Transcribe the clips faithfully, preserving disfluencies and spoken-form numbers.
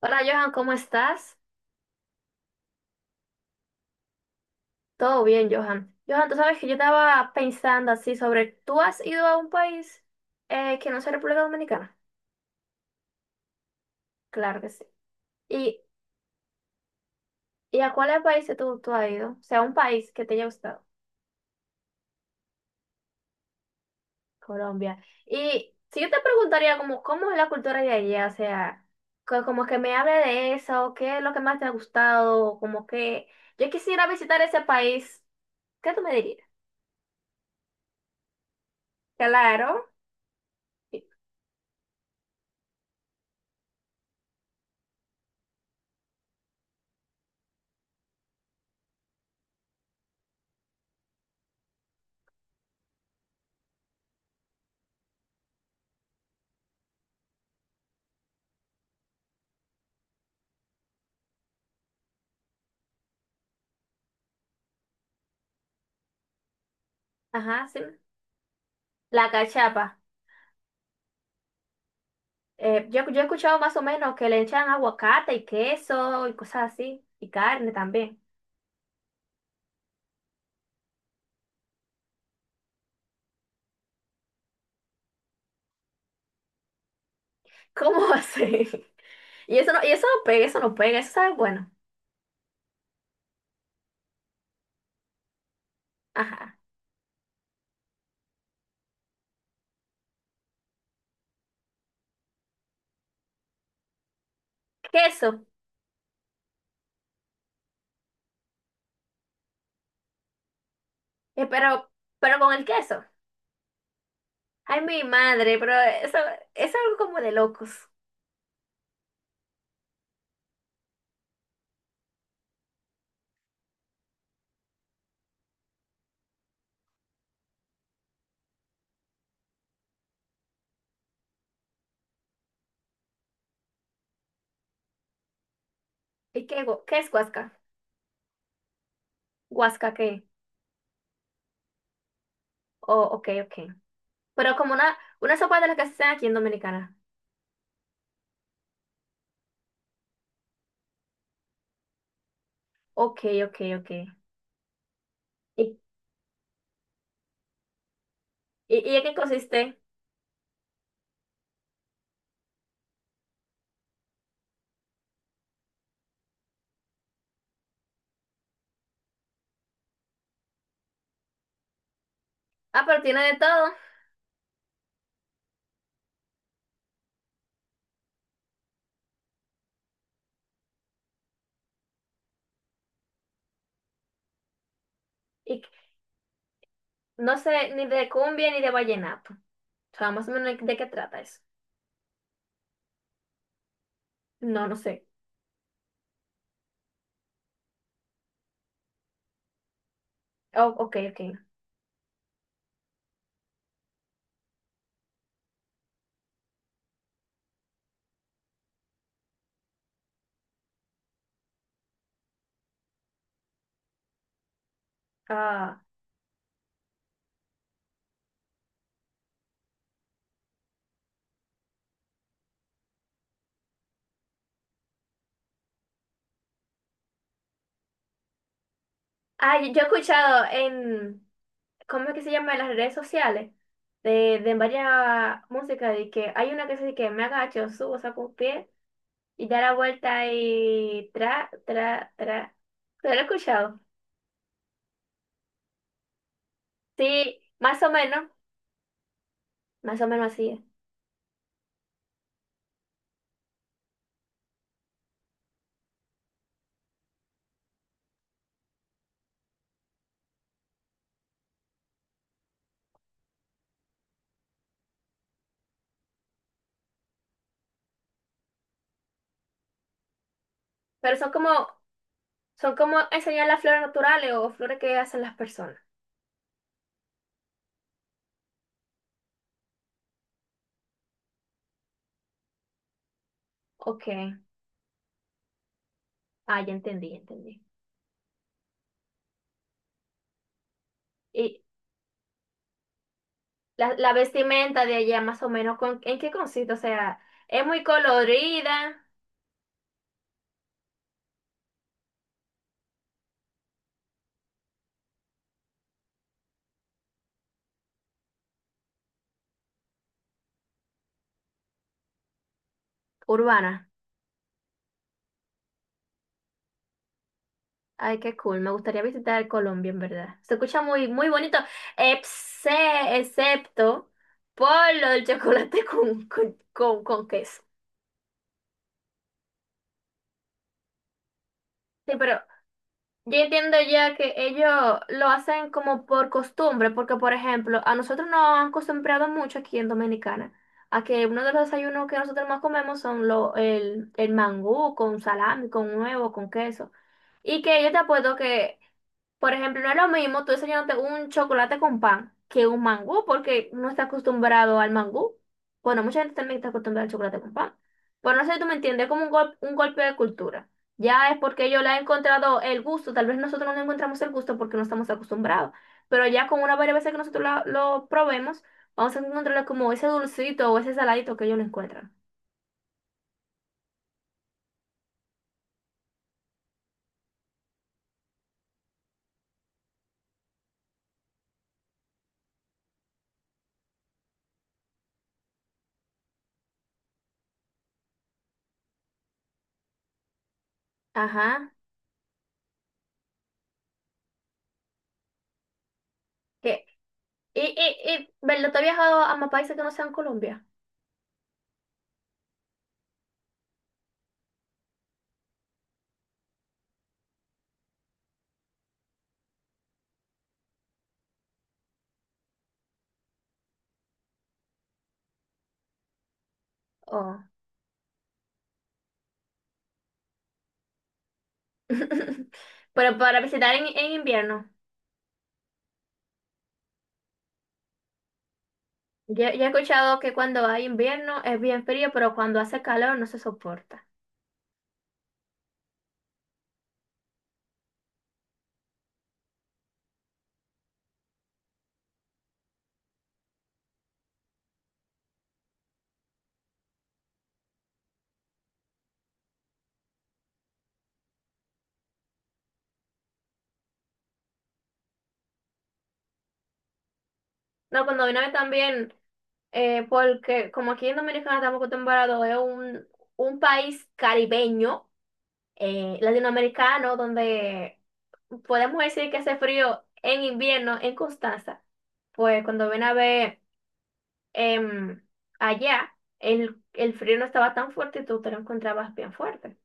Hola Johan, ¿cómo estás? Todo bien, Johan. Johan, tú sabes que yo estaba pensando así sobre, ¿tú has ido a un país eh, que no sea República Dominicana? Claro que sí. ¿Y, y a cuáles países tú, tú has ido? O sea, un país que te haya gustado, Colombia. Y si yo te preguntaría como, ¿cómo es la cultura de allá? O sea, co- como que me hable de eso, ¿qué es lo que más te ha gustado? O como que yo quisiera visitar ese país, ¿qué tú me dirías? Claro. Ajá, sí. La cachapa. Eh, yo, yo he escuchado más o menos que le echan aguacate y queso y cosas así. Y carne también. ¿Cómo así? Y eso no, y eso no pega, eso no pega, eso sabe bueno. Ajá. Queso. Eh, pero, pero con el queso. Ay, mi madre, pero eso, es algo como de locos. ¿Y qué, gu- qué es guasca? ¿Guasca qué? Oh, ok, ok. Pero como una, una sopa de las que se hacen aquí en Dominicana. Ok, ok, ok. ¿Y, y, y en qué consiste? Ah, pero tiene de todo. Y no sé ni de cumbia ni de vallenato. O sea, más o menos de qué trata eso. No, no sé. Oh, ok, ok. Ah, ah, yo yo he escuchado en, ¿cómo es que se llama? En las redes sociales, de, de varias músicas, de que hay una que dice que me agacho, subo, saco un pie y da la vuelta y tra, tra, tra. ¿Te ¿Lo he escuchado? Sí, más o menos, más o menos así es. Pero son como son como enseñar las flores naturales o flores que hacen las personas. Ok. Ah, ya entendí, ya entendí. Y la, la vestimenta de allá, más o menos, ¿con- ¿en qué consiste? O sea, es muy colorida, urbana. Ay, qué cool. Me gustaría visitar Colombia, en verdad. Se escucha muy, muy bonito, exce- excepto por lo del chocolate con, con, con, con queso. Sí, pero yo entiendo ya que ellos lo hacen como por costumbre, porque por ejemplo, a nosotros nos han acostumbrado mucho aquí en Dominicana a que uno de los desayunos que nosotros más comemos son lo, el, el mangú con salami, con huevo, con queso. Y que yo te apuesto que, por ejemplo, no es lo mismo tú desayunarte un chocolate con pan que un mangú, porque uno está acostumbrado al mangú. Bueno, mucha gente también está acostumbrada al chocolate con pan. Pero no sé si tú me entiendes, es como un, gol- un golpe de cultura. Ya es porque yo le he encontrado el gusto, tal vez nosotros no le encontramos el gusto porque no estamos acostumbrados, pero ya con una varias veces que nosotros la- lo probemos, vamos a encontrarle como ese dulcito o ese saladito que ellos le encuentran. Ajá. ¿Qué? ¿Y, y, y, verdad, tú has viajado a más países que no sean Colombia? Oh. Pero para visitar en, en invierno. Yo, yo he escuchado que cuando hay invierno es bien frío, pero cuando hace calor no se soporta. No, cuando vino a ver también... Eh, porque como aquí en Dominicana estamos acostumbrados, es un, un país caribeño, eh, latinoamericano, donde podemos decir que hace frío en invierno en Constanza. Pues cuando ven a ver em, allá, el, el frío no estaba tan fuerte y tú te lo encontrabas bien fuerte.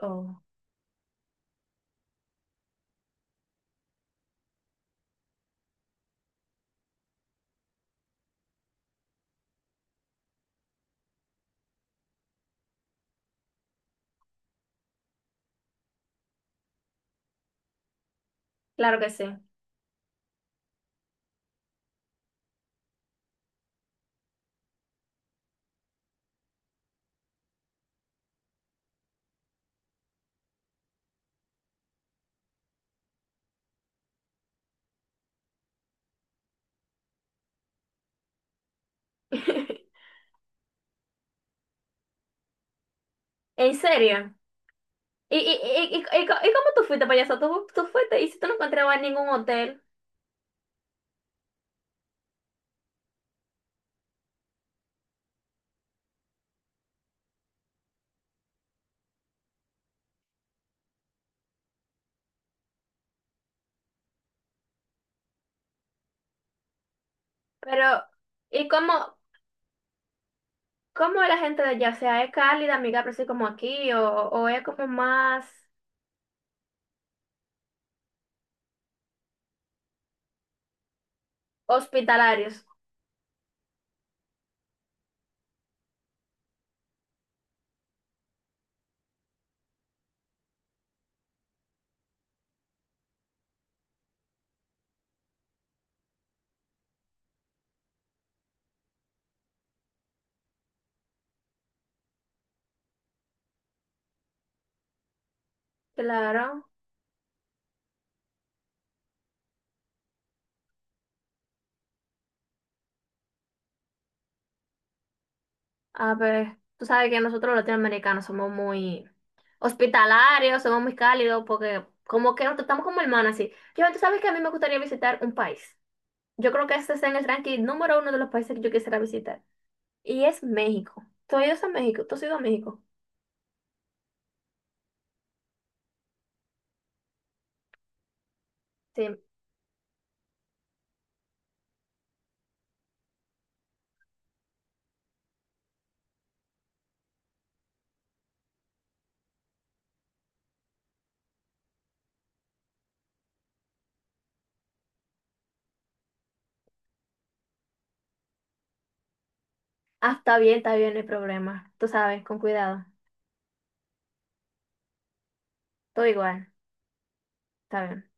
Oh, claro que sí. ¿En serio? ¿Y, y, y, y, y co- y cómo tú fuiste, payaso? ¿Tú, tú fuiste y si tú no encontrabas ningún hotel? Pero, ¿y cómo? ¿Cómo es la gente de allá? O sea, ¿es cálida, amigable, así como aquí? ¿O, o es como más hospitalarios? Claro. A ver, tú sabes que nosotros los latinoamericanos somos muy hospitalarios, somos muy cálidos, porque como que nos tratamos como hermanos, así. Yo, tú sabes que a mí me gustaría visitar un país. Yo creo que este está en el ranking número uno de los países que yo quisiera visitar. Y es México. ¿Tú has ido a México? ¿Tú has ido a México? Sí. Ah, está bien, está bien, no hay problema. Tú sabes, con cuidado. Todo igual. Está bien.